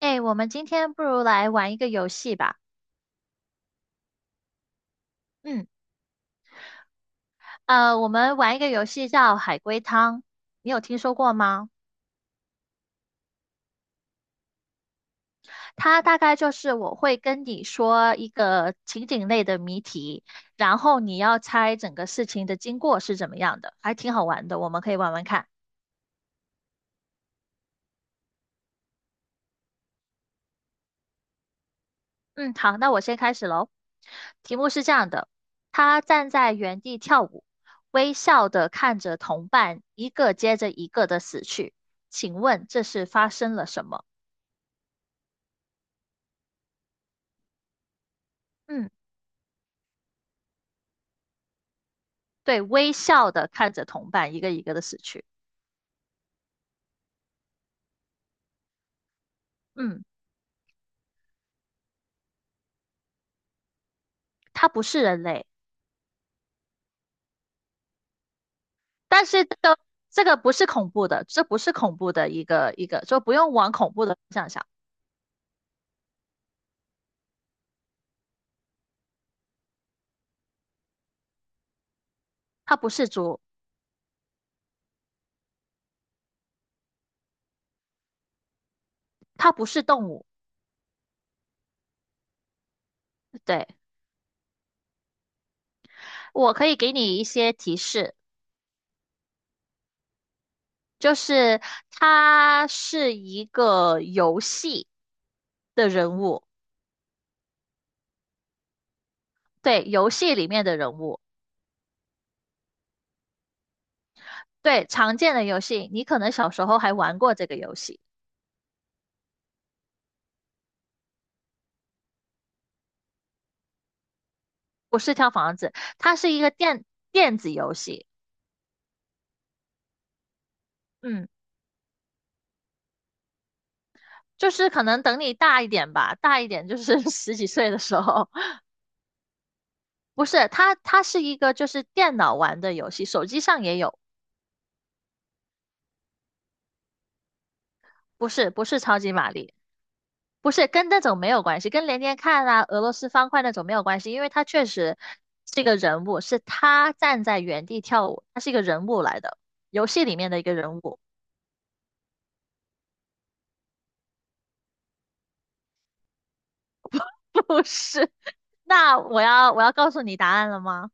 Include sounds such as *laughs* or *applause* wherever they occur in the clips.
哎，我们今天不如来玩一个游戏吧。嗯，我们玩一个游戏叫海龟汤，你有听说过吗？它大概就是我会跟你说一个情景类的谜题，然后你要猜整个事情的经过是怎么样的，还挺好玩的，我们可以玩玩看。嗯，好，那我先开始喽。题目是这样的：他站在原地跳舞，微笑的看着同伴一个接着一个的死去，请问这是发生了什么？嗯。对，微笑的看着同伴一个一个的死去。嗯，他不是人类，但是这个不是恐怖的，这不是恐怖的一个一个，就不用往恐怖的方向想。它不是猪，它不是动物。对，我可以给你一些提示，就是它是一个游戏的人物，对，游戏里面的人物，对，常见的游戏，你可能小时候还玩过这个游戏，不是跳房子，它是一个电子游戏。嗯。就是可能等你大一点吧，大一点就是 *laughs* 十几岁的时候，*laughs* 不是，它是一个就是电脑玩的游戏，手机上也有，不是不是超级玛丽，不是跟那种没有关系，跟连连看啊、俄罗斯方块那种没有关系，因为它确实这个人物是他站在原地跳舞，他是一个人物来的，游戏里面的一个人物，*laughs* 不是。那我要告诉你答案了吗？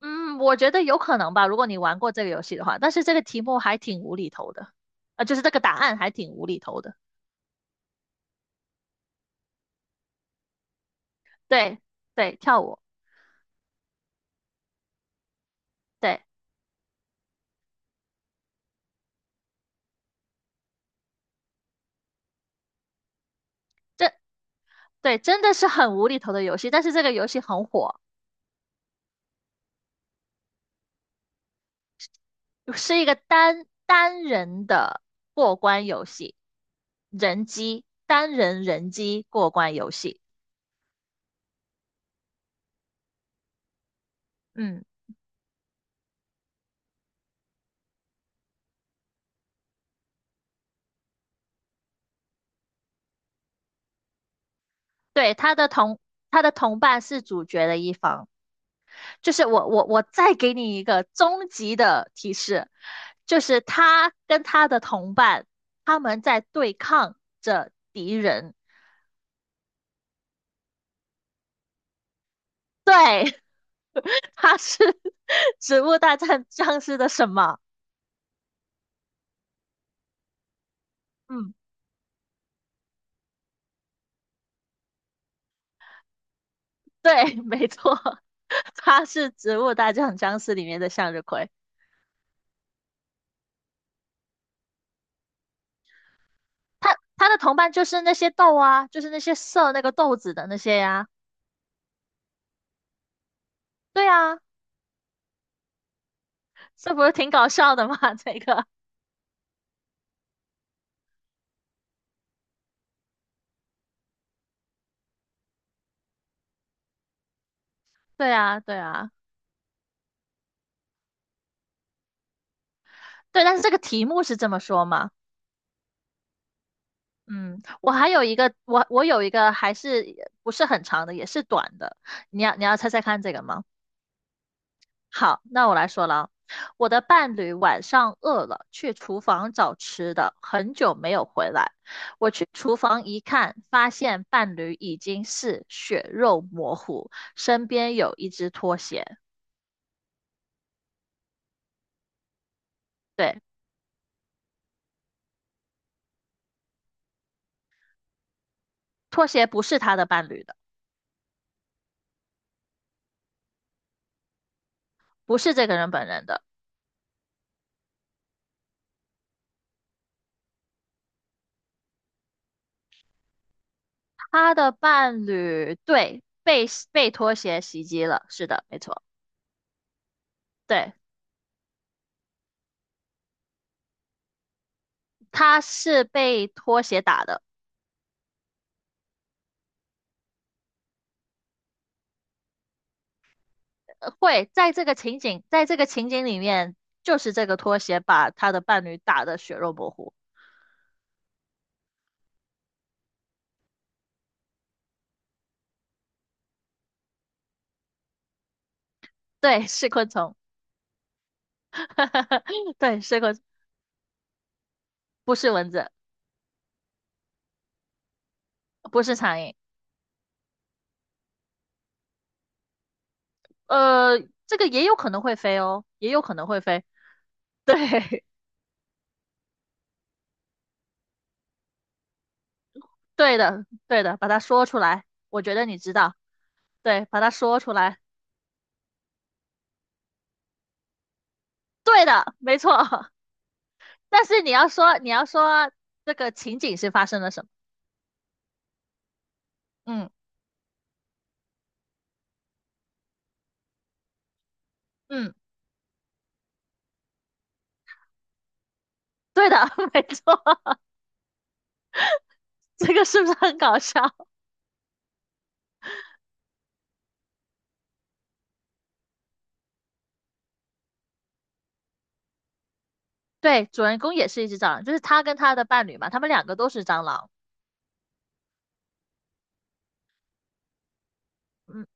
嗯，我觉得有可能吧，如果你玩过这个游戏的话，但是这个题目还挺无厘头的，啊，就是这个答案还挺无厘头的。对对，跳舞，对，这对真的是很无厘头的游戏，但是这个游戏很火，是一个单人的过关游戏，单人人机过关游戏。嗯，对，他的同伴是主角的一方。就是我再给你一个终极的提示，就是他跟他的同伴，他们在对抗着敌人。对，*laughs* 他是 *laughs*《植物大战僵尸》的什么？嗯，对，没错，*laughs* 他是《植物大战僵尸》里面的向日葵。他的同伴就是那些豆啊，就是那些射那个豆子的那些呀、对啊，这不是挺搞笑的吗？*laughs* 这个，对啊，对啊。对，但是这个题目是这么说吗？嗯，我还有一个，我有一个还是不是很长的，也是短的，你要猜猜看这个吗？好，那我来说了啊，我的伴侣晚上饿了，去厨房找吃的，很久没有回来。我去厨房一看，发现伴侣已经是血肉模糊，身边有一只拖鞋，对，拖鞋不是他的伴侣的，不是这个人本人的。他的伴侣对被拖鞋袭击了，是的，没错，对，他是被拖鞋打的，会在这个情景里面，就是这个拖鞋把他的伴侣打得血肉模糊，对，是昆虫，*laughs* 对，不是蚊子，不是苍蝇，呃，这个也有可能会飞哦，也有可能会飞，对，*laughs* 对的，对的，把它说出来，我觉得你知道，对，把它说出来，对的，没错。*laughs* 但是你要说这个情景是发生了什么？嗯嗯，对的，*laughs* 没错，*laughs* 这个是不是很搞笑？*laughs* 对，主人公也是一只蟑螂，就是他跟他的伴侣嘛，他们两个都是蟑螂。嗯，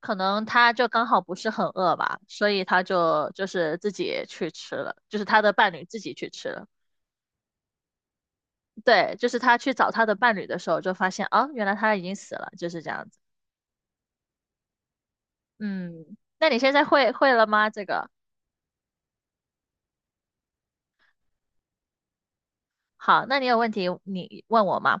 可能他就刚好不是很饿吧，所以他就是自己去吃了，就是他的伴侣自己去吃了。对，就是他去找他的伴侣的时候，就发现啊，原来他已经死了，就是这样子。嗯，那你现在会了吗？好，那你有问题你问我吗？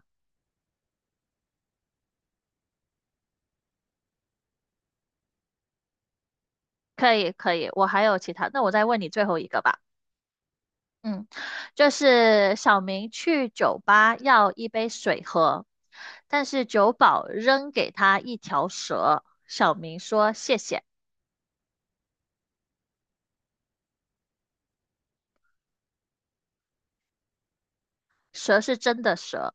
可以可以，我还有其他，那我再问你最后一个吧。嗯，就是小明去酒吧要一杯水喝，但是酒保扔给他一条蛇，小明说谢谢，蛇是真的蛇，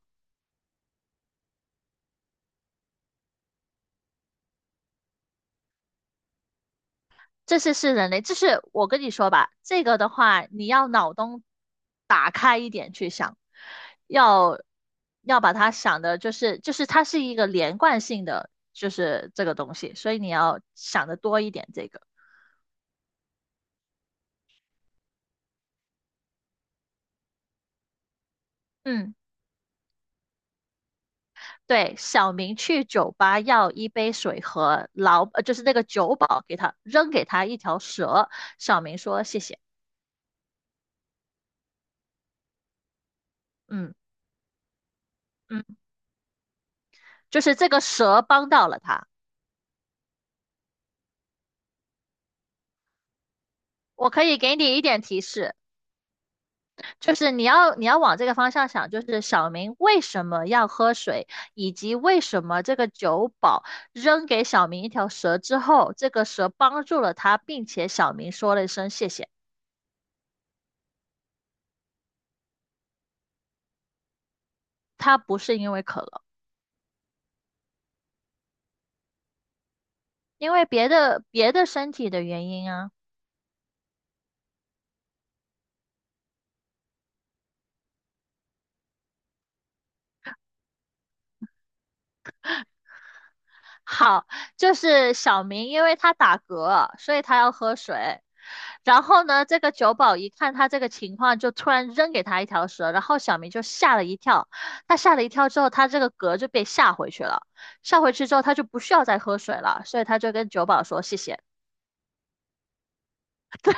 这是人类，这是我跟你说吧，这个的话你要脑洞打开，要要把它想的，就是它是一个连贯性的，就是这个东西，所以你要想的多一点这个，嗯。对，小明去酒吧要一杯水就是那个酒保扔给他一条蛇，小明说谢谢，嗯嗯，就是这个蛇帮到了他。我可以给你一点提示，就是你要往这个方向想，就是小明为什么要喝水，以及为什么这个酒保扔给小明一条蛇之后，这个蛇帮助了他，并且小明说了一声谢谢，他不是因为渴了，因为别的身体的原因啊。好，就是小明，因为他打嗝，所以他要喝水。然后呢，这个酒保一看他这个情况，就突然扔给他一条蛇，然后小明就吓了一跳。他吓了一跳之后，他这个嗝就被吓回去了。吓回去之后，他就不需要再喝水了，所以他就跟酒保说谢谢。*laughs* 对。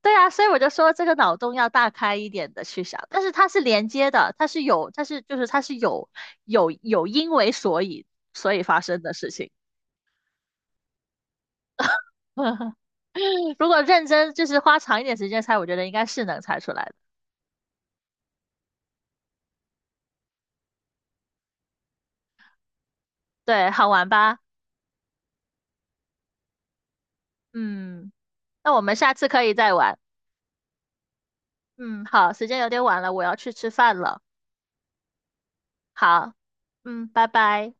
对啊，所以我就说这个脑洞要大开一点的去想，但是它是连接的，它是有，它是就是它是有因为所以发生的事情。*laughs* 如果认真就是花长一点时间猜，我觉得应该是能猜出来的。对，好玩吧？嗯，那我们下次可以再玩。嗯，好，时间有点晚了，我要去吃饭了。好，嗯，拜拜。